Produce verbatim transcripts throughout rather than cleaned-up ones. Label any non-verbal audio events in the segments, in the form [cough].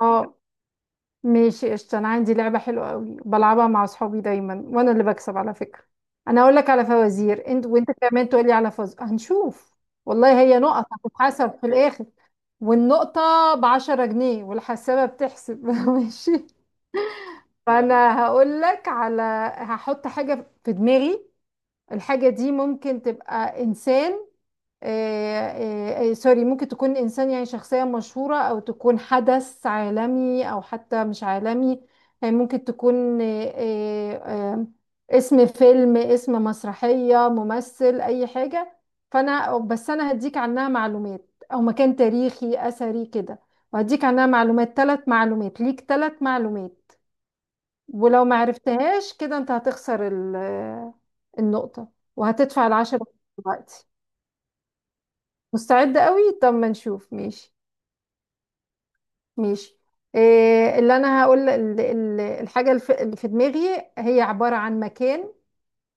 اه ماشي، قشطة. انا عندي لعبة حلوة قوي بلعبها مع اصحابي دايما، وانا اللي بكسب على فكرة. انا اقول لك على فوازير، انت وانت كمان تقول لي على فوز. هنشوف. والله هي نقط هتتحسب في الاخر، والنقطة بعشرة جنيه والحسابة بتحسب. [laughs] ماشي. فانا هقول لك على هحط حاجة في دماغي. الحاجة دي ممكن تبقى انسان. آه، آه، آه، سوري، ممكن تكون إنسان، يعني شخصية مشهورة، أو تكون حدث عالمي، أو حتى مش عالمي. آه، ممكن تكون آه، آه، آه، اسم فيلم، اسم مسرحية، ممثل، أي حاجة. فأنا بس أنا هديك عنها معلومات، أو مكان تاريخي أثري كده، وهديك عنها معلومات، ثلاث معلومات ليك، ثلاث معلومات. ولو ما عرفتهاش كده، أنت هتخسر ال- آه، النقطة وهتدفع العشرة دلوقتي. مستعد قوي؟ طب ما نشوف. ماشي. ماشي. إيه اللي انا هقول؟ ال- ال- الحاجة الف- اللي في دماغي هي عبارة عن مكان.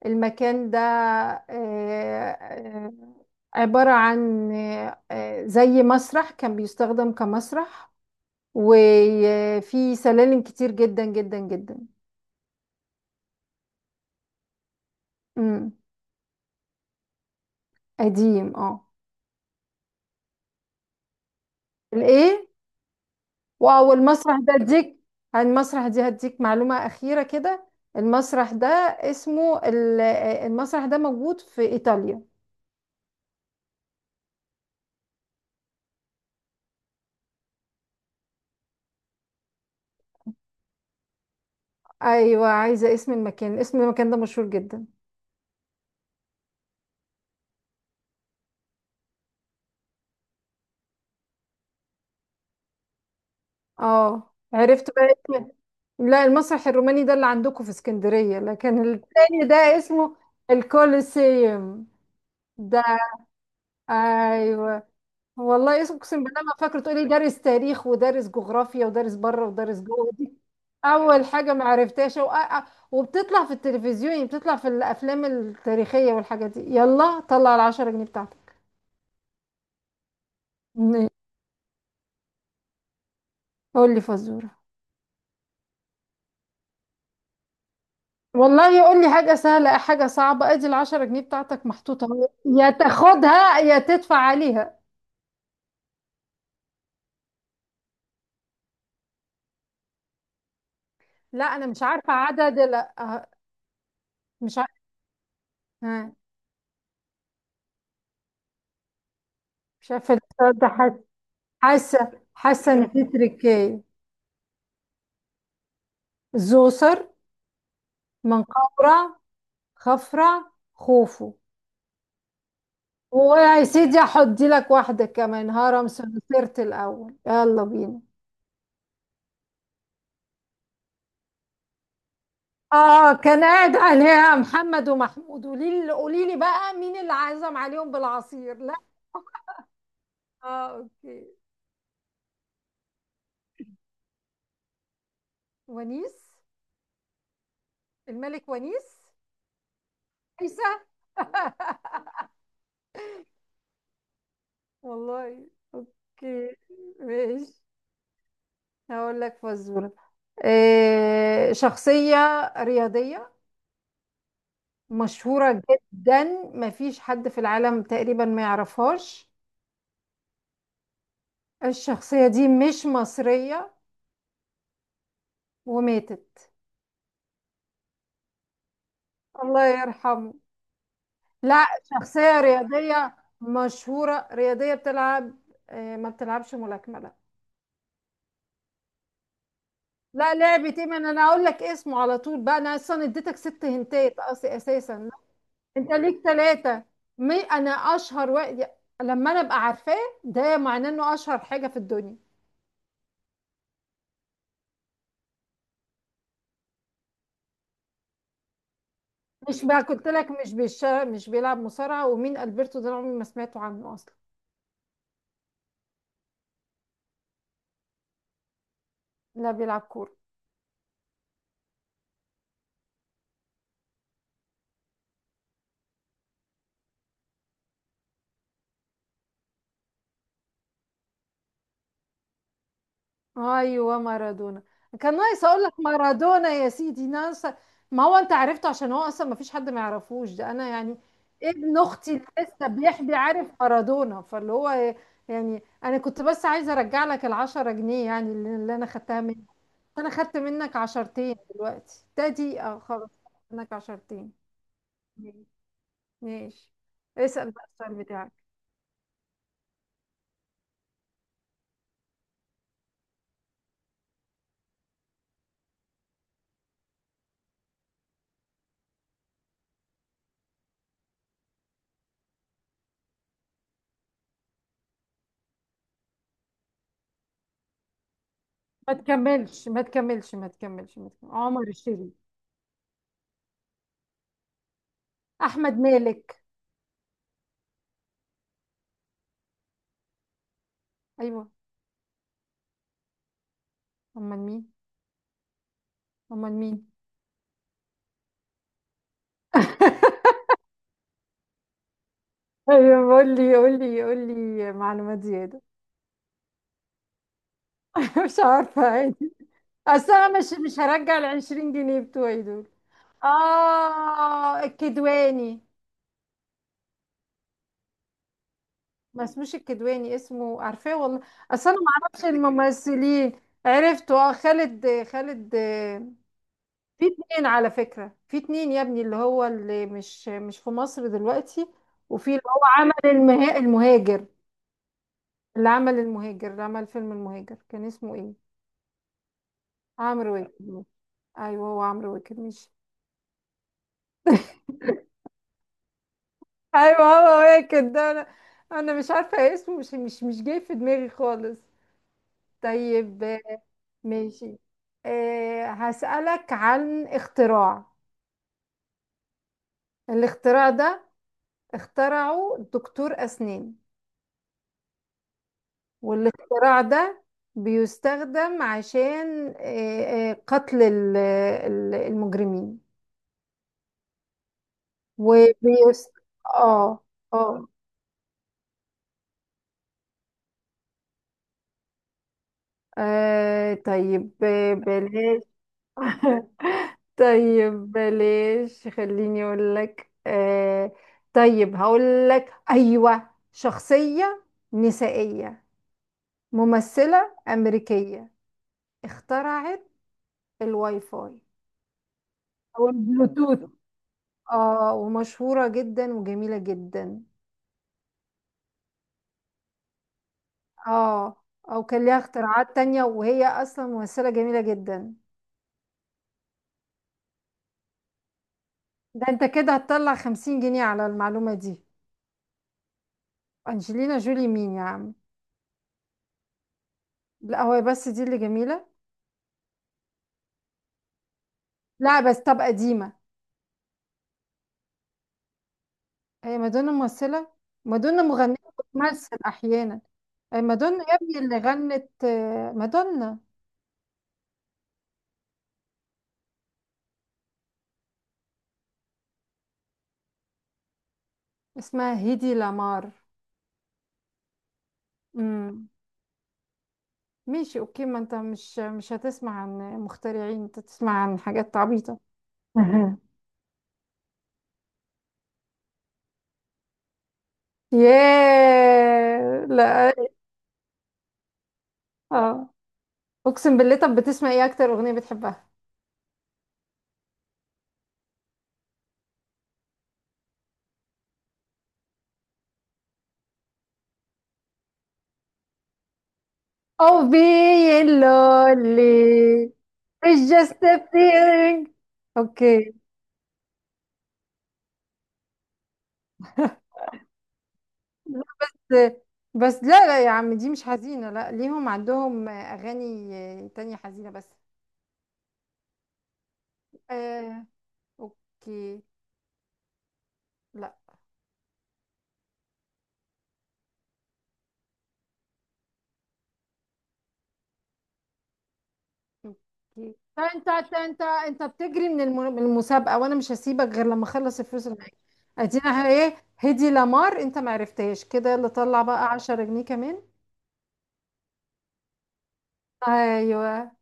المكان ده إيه إيه، عبارة عن إيه، إيه، زي مسرح، كان بيستخدم كمسرح، وفي سلالم كتير جدا جدا جدا. امم. قديم، اه. الايه؟ واو، المسرح ده اديك، المسرح دي هديك معلومة أخيرة كده. المسرح ده اسمه ال- المسرح ده موجود في إيطاليا. أيوة، عايزة اسم المكان، اسم المكان ده مشهور جدا. اه، عرفت بقى. اسم. لا، المسرح الروماني ده اللي عندكم في اسكندرية، لكن التاني ده اسمه الكوليسيوم. ده أيوة. والله، اقسم بالله ما فاكره، تقولي دارس تاريخ ودارس جغرافيا ودارس بره ودارس جوه دي. اول حاجه ما عرفتهاش، و... وبتطلع في التلفزيون، يعني بتطلع في الافلام التاريخيه والحاجات دي. يلا طلع العشرة جنيه بتاعتك. ن- قول لي فزوره. والله يقول لي حاجه سهله، حاجه صعبه، ادي العشرة جنيه بتاعتك محطوطه أهو. يا تاخدها يا تدفع عليها. لا انا مش عارفه عدد، لا أه، مش عارفه. ها، مش عارفه. السؤال ده، حاسه، حاسه حاسة ان في تركايه. زوسر. منقورة. خفرة، خوفو. ويا سيدي هحط لك واحدة كمان، هرم سنترت الأول. يلا بينا. اه، كان قاعد عليها محمد ومحمود. قولي لي قولي لي بقى، مين اللي عزم عليهم بالعصير؟ لا. اه، اوكي. ونيس. الملك ونيس. عيسى. [laughs] والله. اوكي. ماشي. هقول لك فزورة. إيه، شخصية رياضية مشهورة جدا، مفيش حد في العالم تقريبا ما يعرفهاش. الشخصية دي مش مصرية، وماتت. الله يرحمه. لا، شخصية رياضية مشهورة، رياضية بتلعب. آه، ما بتلعبش ملاكمة، لا. لا، لعبة ايه؟ ما انا أنا اقول لك اسمه على طول بقى، انا اصلا اديتك ست هنتات أص- اساسا. انت ليك ثلاثة. مي انا اشهر واحد، لما انا ابقى عارفاه ده معناه انه اشهر حاجة في الدنيا. مش بقى قلت لك مش بيش... مش بيلعب مصارعة؟ ومين ألبرتو ده؟ أنا عمري ما سمعته عنه أصلا. لا، بيلعب كورة. أيوه، مارادونا. كان ناقص أقول لك مارادونا يا سيدي، ناقص. ما هو أنت عرفته عشان هو أصلا ما فيش حد ما يعرفوش، ده أنا يعني ابن أختي اللي لسه بيحبي عارف مارادونا، فاللي هو يعني. أنا كنت بس عايزة أرجع لك العشرة جنيه، يعني اللي اللي أنا خدتها منك. أنا خدت منك عشرتين دلوقتي، تادي أه خلاص، خدت منك عشرتين. ماشي. اسأل بقى السؤال بتاعك. ما تكملش ما تكملش ما تكملش ما تكملش، عمر الشريف. احمد مالك. ايوه. امال مين؟ امال مين؟ [laughs] ايوه قول لي، قول لي، قول لي معلومات زياده. [laughs] مش عارفه، عادي. اصل انا مش مش هرجع ال عشرين جنيه بتوعي دول. اه، الكدواني. ما اسموش الكدواني، اسمه عارفاه والله. اصل انا ما اعرفش الممثلين. عرفته، اه، خالد، خالد. في اتنين على فكرة، في اتنين يا ابني، اللي هو اللي مش مش في مصر دلوقتي، وفي اللي هو عمل المها... المهاجر. اللي عمل المهاجر، اللي عمل فيلم المهاجر، كان اسمه ايه؟ عمرو واكد. ايوه هو عمرو واكد، مش ايوه هو واكد ده. انا انا مش عارفة اسمه، مش مش مش جاي في دماغي خالص. طيب آه، ماشي. أه هسألك عن اختراع. الاختراع ده اخترعه دكتور أسنان، والاختراع ده بيستخدم عشان آه، آه، قتل ال- ال- المجرمين. وبيست اه. اه. آه، طيب آه، بلاش. [laughs] طيب بلاش، خليني اقول لك. آه، طيب هقول لك، ايوه، شخصية نسائية، ممثلة أمريكية، اخترعت الواي فاي او البلوتوث. اه، ومشهورة جدا وجميلة جدا. اه. او كان ليها اختراعات تانية، وهي اصلا ممثلة جميلة جدا. ده انت كده هتطلع خمسين جنيه على المعلومة دي. انجلينا جولي مين يا عم؟ لا، هو بس دي اللي جميلة. لا بس، طب قديمة. هي مادونا ممثلة؟ مادونا مغنية بتمثل احيانا. هي مادونا يا ابني، اللي غنت آه، مادونا. اسمها هيدي لامار. امم. ماشي، اوكي. ما انت مش مش هتسمع عن مخترعين، انت تسمع عن حاجات عبيطة. أها. ياه، لا. اه، اقسم بالله، طب بتسمع ايه؟ اكتر اغنيه بتحبها؟ او بي لولي. It's just a feeling. اوكي. لا بس. بس لا لا يا عم، دي مش حزينه، لا، ليهم عندهم اغاني تانية حزينه بس. آه. اوكي. لا. اوكي، طب انت انت انت انت بتجري من الم- من المسابقه، وانا مش هسيبك غير لما اخلص الفلوس اللي معاك. ادينا ايه؟ هدي لمار، انت ما عرفتهاش كده، يلا طلع بقى عشرة جنيه كمان. ايوه.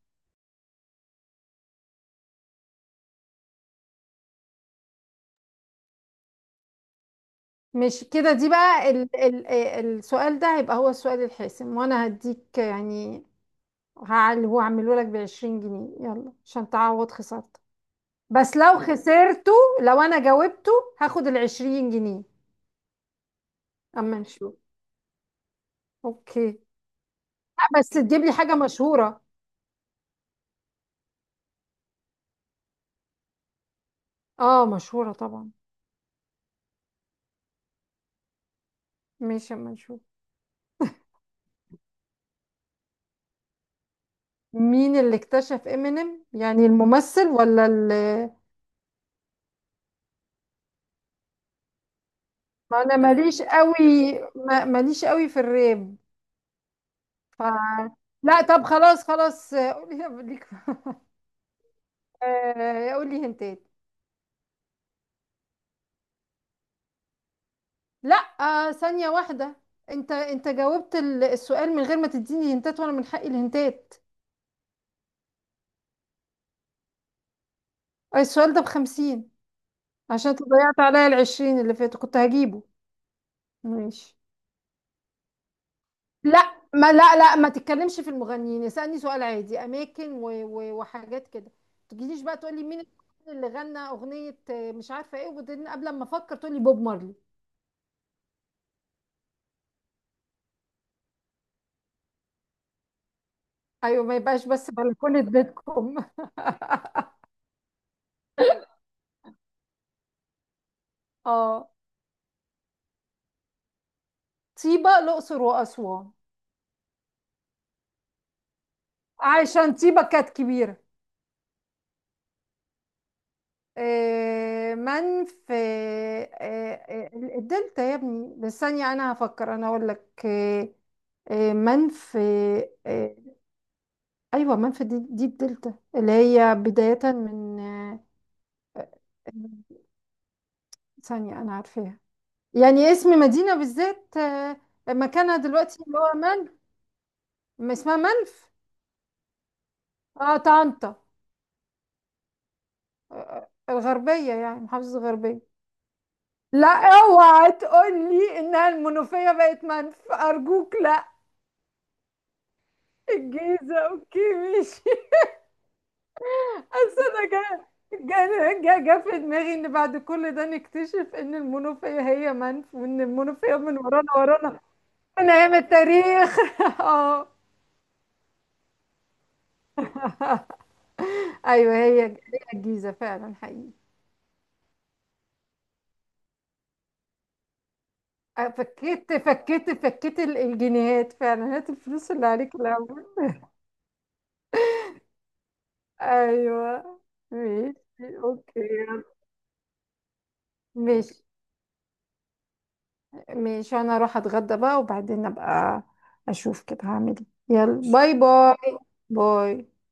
مش كده، دي بقى ال ال السؤال ده هيبقى هو السؤال الحاسم، وانا هديك يعني، هعل هو هعمله لك ب عشرين جنيه، يلا عشان تعوض خسارتك. بس لو خسرته، لو انا جاوبته هاخد ال عشرين جنيه. اما نشوف. اوكي. لا، بس تجيب لي حاجه مشهوره. اه مشهورة طبعا. ماشي، اما نشوف. مين اللي اكتشف امينيم؟ يعني الممثل، ولا اللي؟ ما انا ماليش قوي، ما ماليش قوي في الراب. ف لا، طب خلاص خلاص قولي ليك. آه، قولي هنتات. لا. آه، ثانية واحدة، انت انت جاوبت ال- السؤال من غير ما تديني هنتات، وانا من حقي الهنتات. آه، السؤال ده بخمسين، عشان تضيعت عليا العشرين اللي فاتوا، كنت هجيبه. ماشي. لا، ما لا لا، ما تتكلمش في المغنيين، اسألني سؤال عادي، اماكن و و وحاجات كده. ما تجيليش بقى تقولي مين المغني اللي غنى اغنية آه، مش عارفة ايه، وبعدين قبل ما افكر تقولي بوب مارلي. ايوه، ما يبقاش بس بلكونة بيتكم. [laughs] اه، طيبة الاقصر واسوان. عشان طيبة كانت كبيرة. آه، من في آه، آه، الدلتا يا ابني. بس ثانية انا هفكر، انا اقول لك. آه، آه، من في آه، ايوه، منفى دي, دي الدلتا، اللي هي بداية من. آه، آه، ثانية، انا عارفاها، يعني اسم مدينة بالذات، آه، مكانها دلوقتي اللي هو منف. ما اسمها منف. اه، طنطا. آه، الغربية، يعني محافظة الغربية. لا. اوعى تقول لي انها المنوفية بقت منف، ارجوك لا. الجيزة، اوكي. مش. بس انا جا جا جا جا في دماغي ان بعد كل ده نكتشف ان المنوفية هي منف، وان المنوفية من ورانا ورانا من ايام التاريخ. [laughs] اه. ايوه هي هي، الجيزة فعلا، حقيقي. أه، فكيت فكيت فكيت ال- الجنيهات فعلا، هات الفلوس اللي عليك الاول. [laughs] ايوه. ماشي. اوكي يلا. ماشي. ماشي، انا اروح اتغدى بقى وبعدين ابقى اشوف كده هعمل ايه. يلا، باي باي. باي.